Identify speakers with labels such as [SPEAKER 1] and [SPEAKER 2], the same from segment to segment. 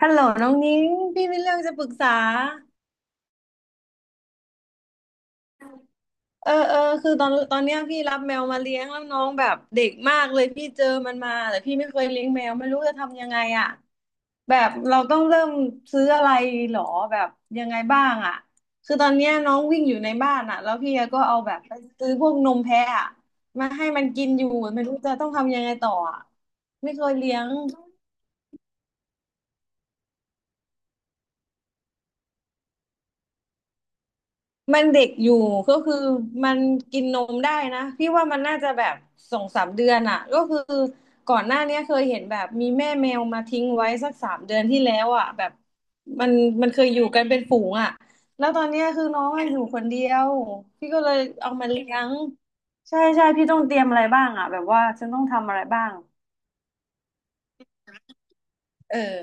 [SPEAKER 1] ฮัลโหลน้องนิ้งพี่มีเรื่องจะปรึกษาคือตอนเนี้ยพี่รับแมวมาเลี้ยงแล้วน้องแบบเด็กมากเลยพี่เจอมันมาแต่พี่ไม่เคยเลี้ยงแมวไม่รู้จะทำยังไงอ่ะแบบเราต้องเริ่มซื้ออะไรหรอแบบยังไงบ้างอ่ะคือตอนเนี้ยน้องวิ่งอยู่ในบ้านอ่ะแล้วพี่ก็เอาแบบไปซื้อพวกนมแพะอะมาให้มันกินอยู่ไม่รู้จะต้องทำยังไงต่ออ่ะไม่เคยเลี้ยง มันเด็กอยู่ก็คือมันกินนมได้นะพี่ว่ามันน่าจะแบบสองสามเดือนอ่ะก็คือก่อนหน้าเนี้ยเคยเห็นแบบมีแม่แมวมาทิ้งไว้สักสามเดือนที่แล้วอ่ะแบบมันมันเคยอยู่กันเป็นฝูงอ่ะแล้วตอนเนี้ยคือน้องอะอยู่คนเดียวพี่ก็เลยเอามาเลี้ยงใช่ใช่พี่ต้องเตรียมอะไรบ้างอ่ะแบบว่าฉันต้องทำอะไรบ้างเออ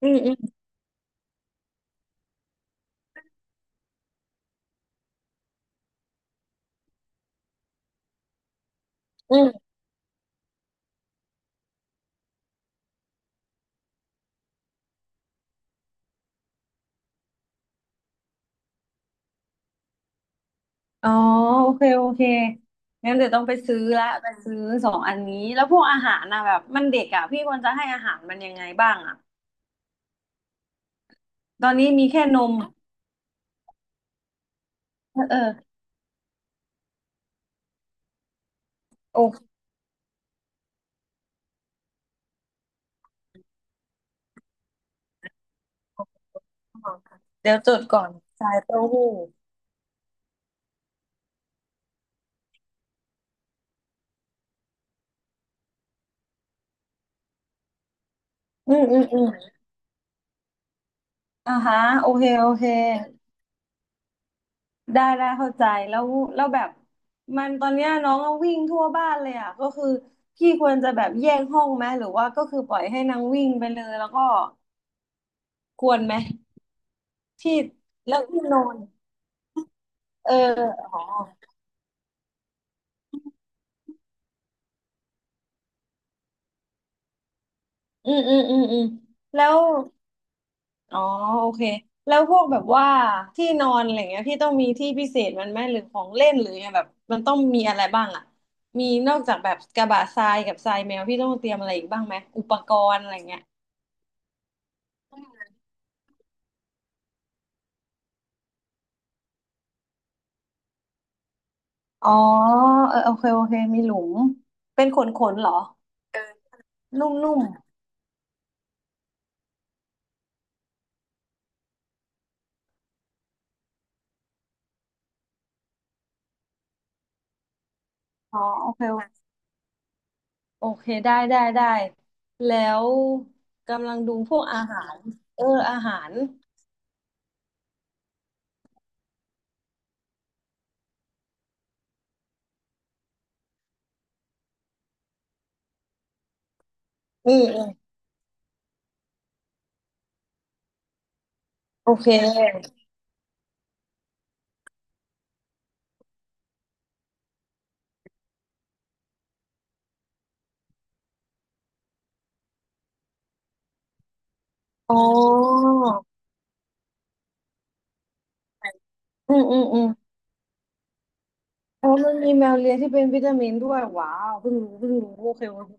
[SPEAKER 1] อืม อ๋อโอเคโอเคงั้นเดี๋ยวต้องไปซื้อละไปซื้อสองอันนี้แล้วพวกอาหารนะแบบมันเด็กอ่ะพี่ควรจะให้อาหารมันยังไงบ้างอ่ะตอนนี้มีแค่นมเออเออโอเคเดี๋ยวจดก่อนสายเต้าหู้อืมอ่าฮะโอเคโอเคได้ได้เข้าใจแล้วแบบมันตอนเนี้ยน้องก็วิ่งทั่วบ้านเลยอ่ะก็คือพี่ควรจะแบบแยกห้องไหมหรือว่าก็คือปล่อยให้นางวิ่งไปเลยแล้วก็ควรไหมที่แล้วที่นอน เอออ๋ออืมแล้วอ๋อโอเคแล้วพวกแบบว่าที่นอนอะไรเงี้ยพี่ต้องมีที่พิเศษมันไหมหรือของเล่นหรือไงแบบมันต้องมีอะไรบ้างอ่ะมีนอกจากแบบกระบะทรายกับทรายแมวพี่ต้องเตรียมอะไรอีกบ้างไหมอุปกรณ์อะไรเงี้ยอ๋อเออโอเคโอเคมีหลุมเป็นขนเหรอนุ่มๆอ๋อโอเคโอเคได้ได้ได้แล้วกำลังดูพวกอาหารเอออาหารอืม โอเคอ๋ออืมอ๋อมันมีแมวเลี้ยงที่เป็นวิตามินด้วยว้าวเพิ่งรู้โอเคโอเค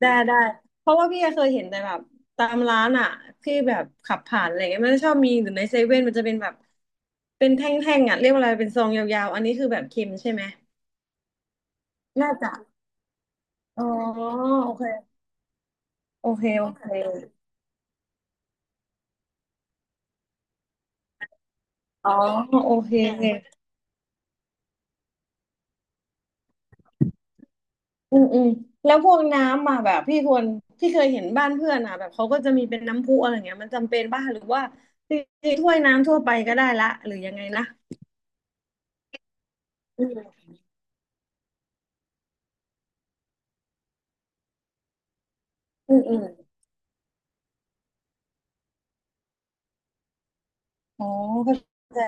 [SPEAKER 1] ได้ได้ เพราะว่าพี่เคยเห็นแต่แบบตามร้านอ่ะที่แบบขับผ่านอะไรเงี้ยมันจะชอบมีหรือในเซเว่นมันจะเป็นแบบเป็นแท่งๆอ่ะเรียกว่าอะไรเป็นซองยาวๆ อันนี้คือแบบเค็มใช่ไหมน่าจะอ๋อโอเคโอเคโอเคอ๋อโอเค อืมแล้วพวกน้ำอ่ะแบบพี่ทวนที่เคยเห็นบ้านเพื่อนอ่ะแบบเขาก็จะมีเป็นน้ำพุอะไรเงี้ยมันจำเป็นป่ะหรือว่าจริงๆถ้วยน้ำทั่วไปก็ได้ละหรือยังไงนะอืมอืมอ๋อเข้าใจ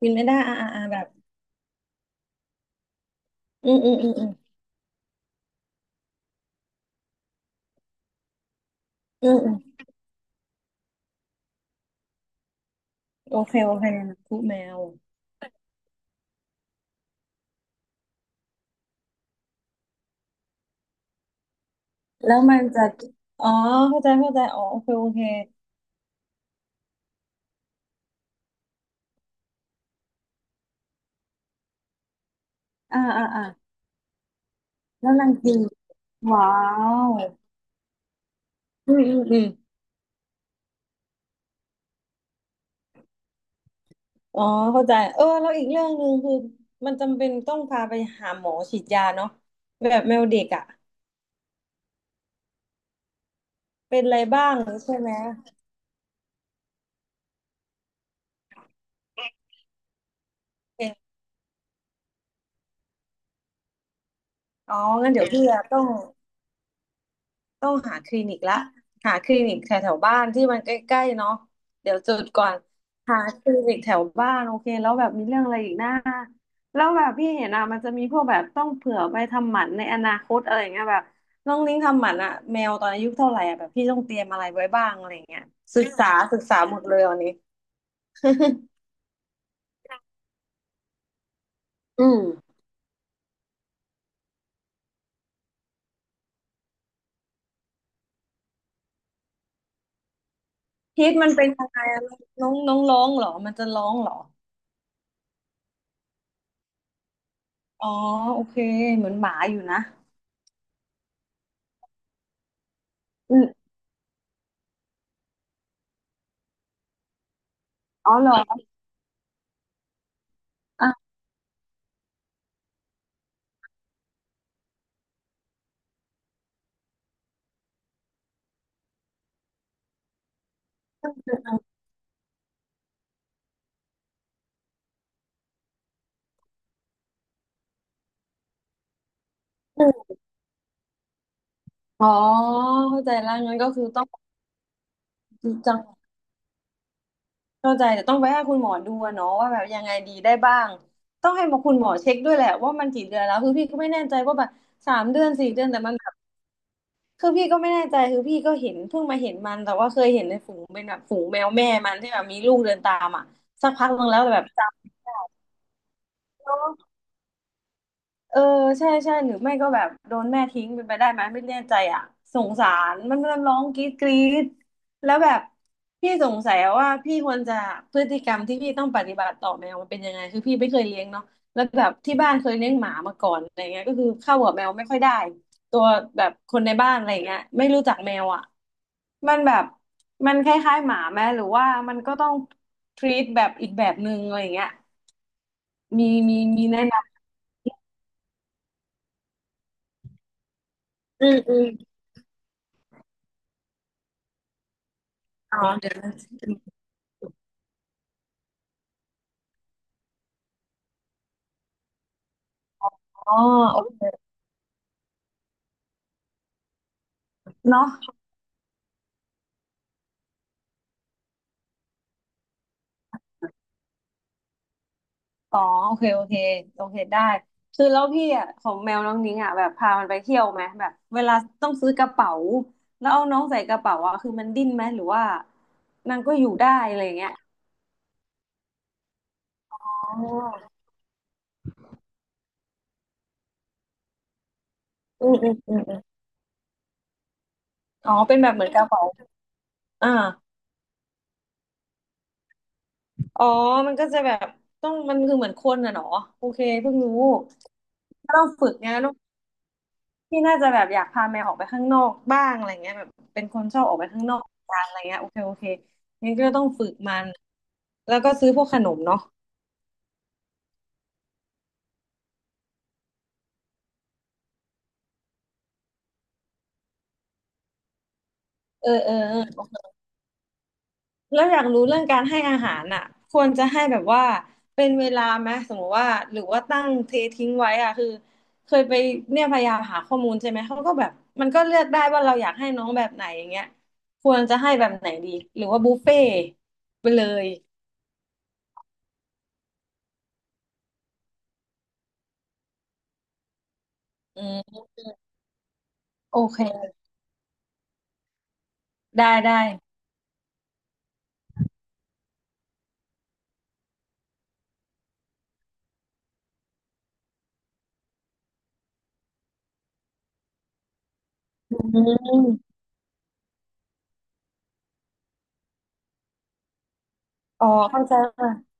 [SPEAKER 1] กินไม่ได้อ่าแบบอืมอืมอืมอืมอืมโอเคโอเคน้ำพุแมวแล้วมันจะอ๋อเข้าใจอ๋อโอเคโอเคอ่าแล้วนางกินว้าวอืม อ๋อเข้าใจเออแล้วอีกเรื่องหนึ่งคือมันจำเป็นต้องพาไปหาหมอฉีดยาเนาะแบบแมวเด็กอ่ะเป็นอะไรบ้างใช่ไหมเป็นอ๋องั้นเดี๋ยวพี่อะต้อง ต้องหาคลินิกละหาคลินิกแถวแถวบ้านที่มันใกล้ๆเนาะเดี๋ยวจดก่อนหาคลินิกแถวบ้านโอเคแล้วแบบมีเรื่องอะไรอีกนะแล้วแบบพี่เห็นอะมันจะมีพวกแบบต้องเผื่อไปทำหมันในอนาคตอะไรอย่างเงี้ยแบบน้องนิ้งทำหมันอะแมวตอนอายุเท่าไหร่อะแบบพี่ต้องเตรียมอะไรไว้บ้างอะไรอย่างเงี้ยศึกษาศึกษาหมดเลยวันนี้ อืมพิษมันเป็นยังไงอะน้องน้องร้องเหรอมันจะร้องเหรออ๋อโอเคเหมือนหมาอยู่นะอืมอ๋อเหรออ่ะ อ๋อเข้าใจแล้วงั้นก็คือต้องจังเข้าใจแต่ต้องไปให้คุณหมอดูอะเนาะว่าแบบยังไงดีได้บ้างต้องให้คุณหมอเช็คด้วยแหละว่ามันกี่เดือนแล้วคือพี่ก็ไม่แน่ใจว่าแบบสามเดือนสี่เดือนแต่มันแบบคือพี่ก็ไม่แน่ใจคือพี่ก็เห็นเพิ่งมาเห็นมันแต่ว่าเคยเห็นในฝูงเป็นแบบฝูงแมวแม่มันที่แบบมีลูกเดินตามอ่ะสักพักหนึงแล้วแต่แบบ เออใช่ใช่หรือไม่ก็แบบโดนแม่ทิ้งเป็นไปได้ไหมไม่แน่ใจอ่ะสงสารมันมันร้องกรี๊ดกรี๊ดแล้วแบบพี่สงสัยว่าพี่ควรจะพฤติกรรมที่พี่ต้องปฏิบัติต่อแมวมันเป็นยังไงคือพี่ไม่เคยเลี้ยงเนาะแล้วแบบที่บ้านเคยเลี้ยงหมามาก่อนอะไรเงี้ยก็คือเข้ากับแมวไม่ค่อยได้ตัวแบบคนในบ้านอะไรเงี้ยไม่รู้จักแมวอ่ะมันแบบมันคล้ายๆหมาไหมหรือว่ามันก็ต้องทรีตแบบอีกแบบหนึงอะไรเงี้ยมีมีแนะนำอืม อ๋อเดี๋ยวนะอ๋อโอเคเนาะอ๋อโอเคโอเคโอเคได้คือแล้วพี่อ่ะของแมวน้องนิ้งอ่ะแบบพามันไปเที่ยวไหมแบบเวลาต้องซื้อกระเป๋าแล้วเอาน้องใส่กระเป๋าอ่ะคือมันดิ้นไหมหรือว่ามันก็อยู่ได้อะไรอย่างเงี้ยอ๋ออืมอืมอืมอมอ๋อเป็นแบบเหมือนกระเป๋าอ่าอ๋อมันก็จะแบบต้องมันคือเหมือนคนอ่ะเนาะโอเคเพิ่งรู้ต้องฝึกไง พี่น่าจะแบบอยากพาแมวออกไปข้างนอกบ้างอะไรเงี้ยแบบเป็นคนชอบออกไปข้างนอกกันอะไรเงี้ยโอเคโอเคงั้นก็ต้องฝึกมันแล้วก็ซื้อพวกขนมเนาะเออเออเออแล้วอยากรู้เรื่องการให้อาหารอ่ะควรจะให้แบบว่าเป็นเวลาไหมสมมติว่าหรือว่าตั้งเททิ้งไว้อ่ะคือเคยไปเนี่ยพยายามหาข้อมูลใช่ไหมเขาก็แบบมันก็เลือกได้ว่าเราอยากให้น้องแบบไหนอย่างเงี้ยควรจะให้แบบไหนดีหรือว่าบุฟเฟ่ต์ไปเลยอืมโอเคได้ได้ อืมอ๋อเข้าใจค่ะ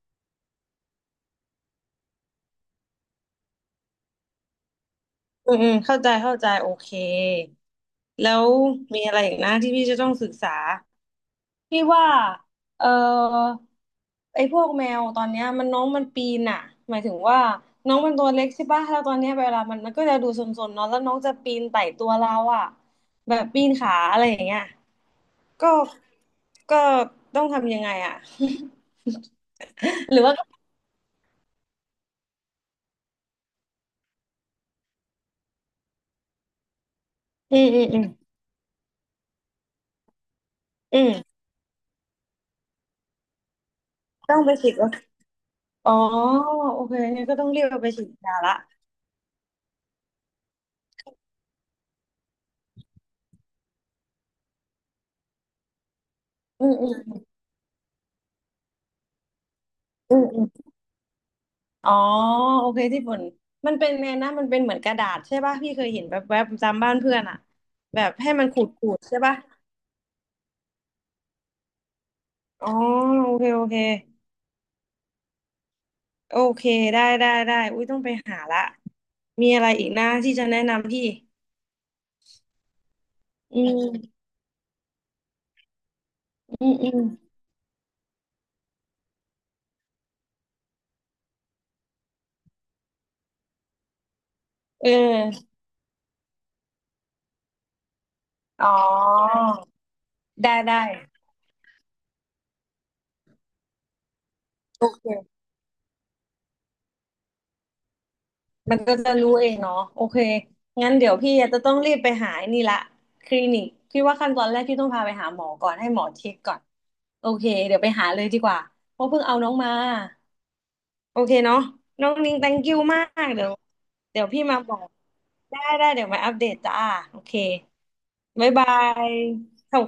[SPEAKER 1] อืมอืมเข้าใจเข้าใจโอเคแล้วมีอะไรอีกนะที่พี่จะต้องศึกษาพี่ว่าเอ่อไอ้พวกแมวตอนเนี้ยมันน้องมันปีนอ่ะหมายถึงว่าน้องมันตัวเล็กใช่ป่ะแล้วตอนเนี้ยเวลามันก็จะดูซนๆเนาะแล้วน้องจะปีนไต่ตัวเราอ่ะแบบปีนขาอะไรอย่างเงี้ยก็ก็ต้องทำยังไงอ่ะ หรือว่าอืมอืมอืมอืมต้องไปฉีด อ๋อโอเคงั้นก็ต้องเรียกไปฉีดยาละอืมอืมอืมอืมอ๋อโอเคที่ฝุ่นมันเป็นไงนะมันเป็นเหมือนกระดาษใช่ป่ะพี่เคยเห็นแบบแวบๆตามบ้านเพื่อนอะแบบให้มันขูดขูดใช่ป่ะอ๋อโอเคโอเคโอเคได้ได้ได้อุ้ยต้องไปหาละมีอะไรอีกนะที่จะแนะนำพี่อืมอืมอืมเอออ๋อได้ได้ มันก็จะรู้เองเนาะโอเคงั้นเดี๋ยวพี่จะต้องรีบไปหาไอ้นี่ละคลินิกพี่ว่าขั้นตอนแรกพี่ต้องพาไปหาหมอก่อนให้หมอเช็คก่อนโอเคเดี๋ยวไปหาเลยดีกว่าเพราะเพิ่งเอาน้องมาโอเคเนาะน้องนิง thank you มากเดี๋ยวเดี๋ยวพี่มาบอกได้ได้เดี๋ยวมาอัปเดตจ้าโอเคบ๊ายบายขอบ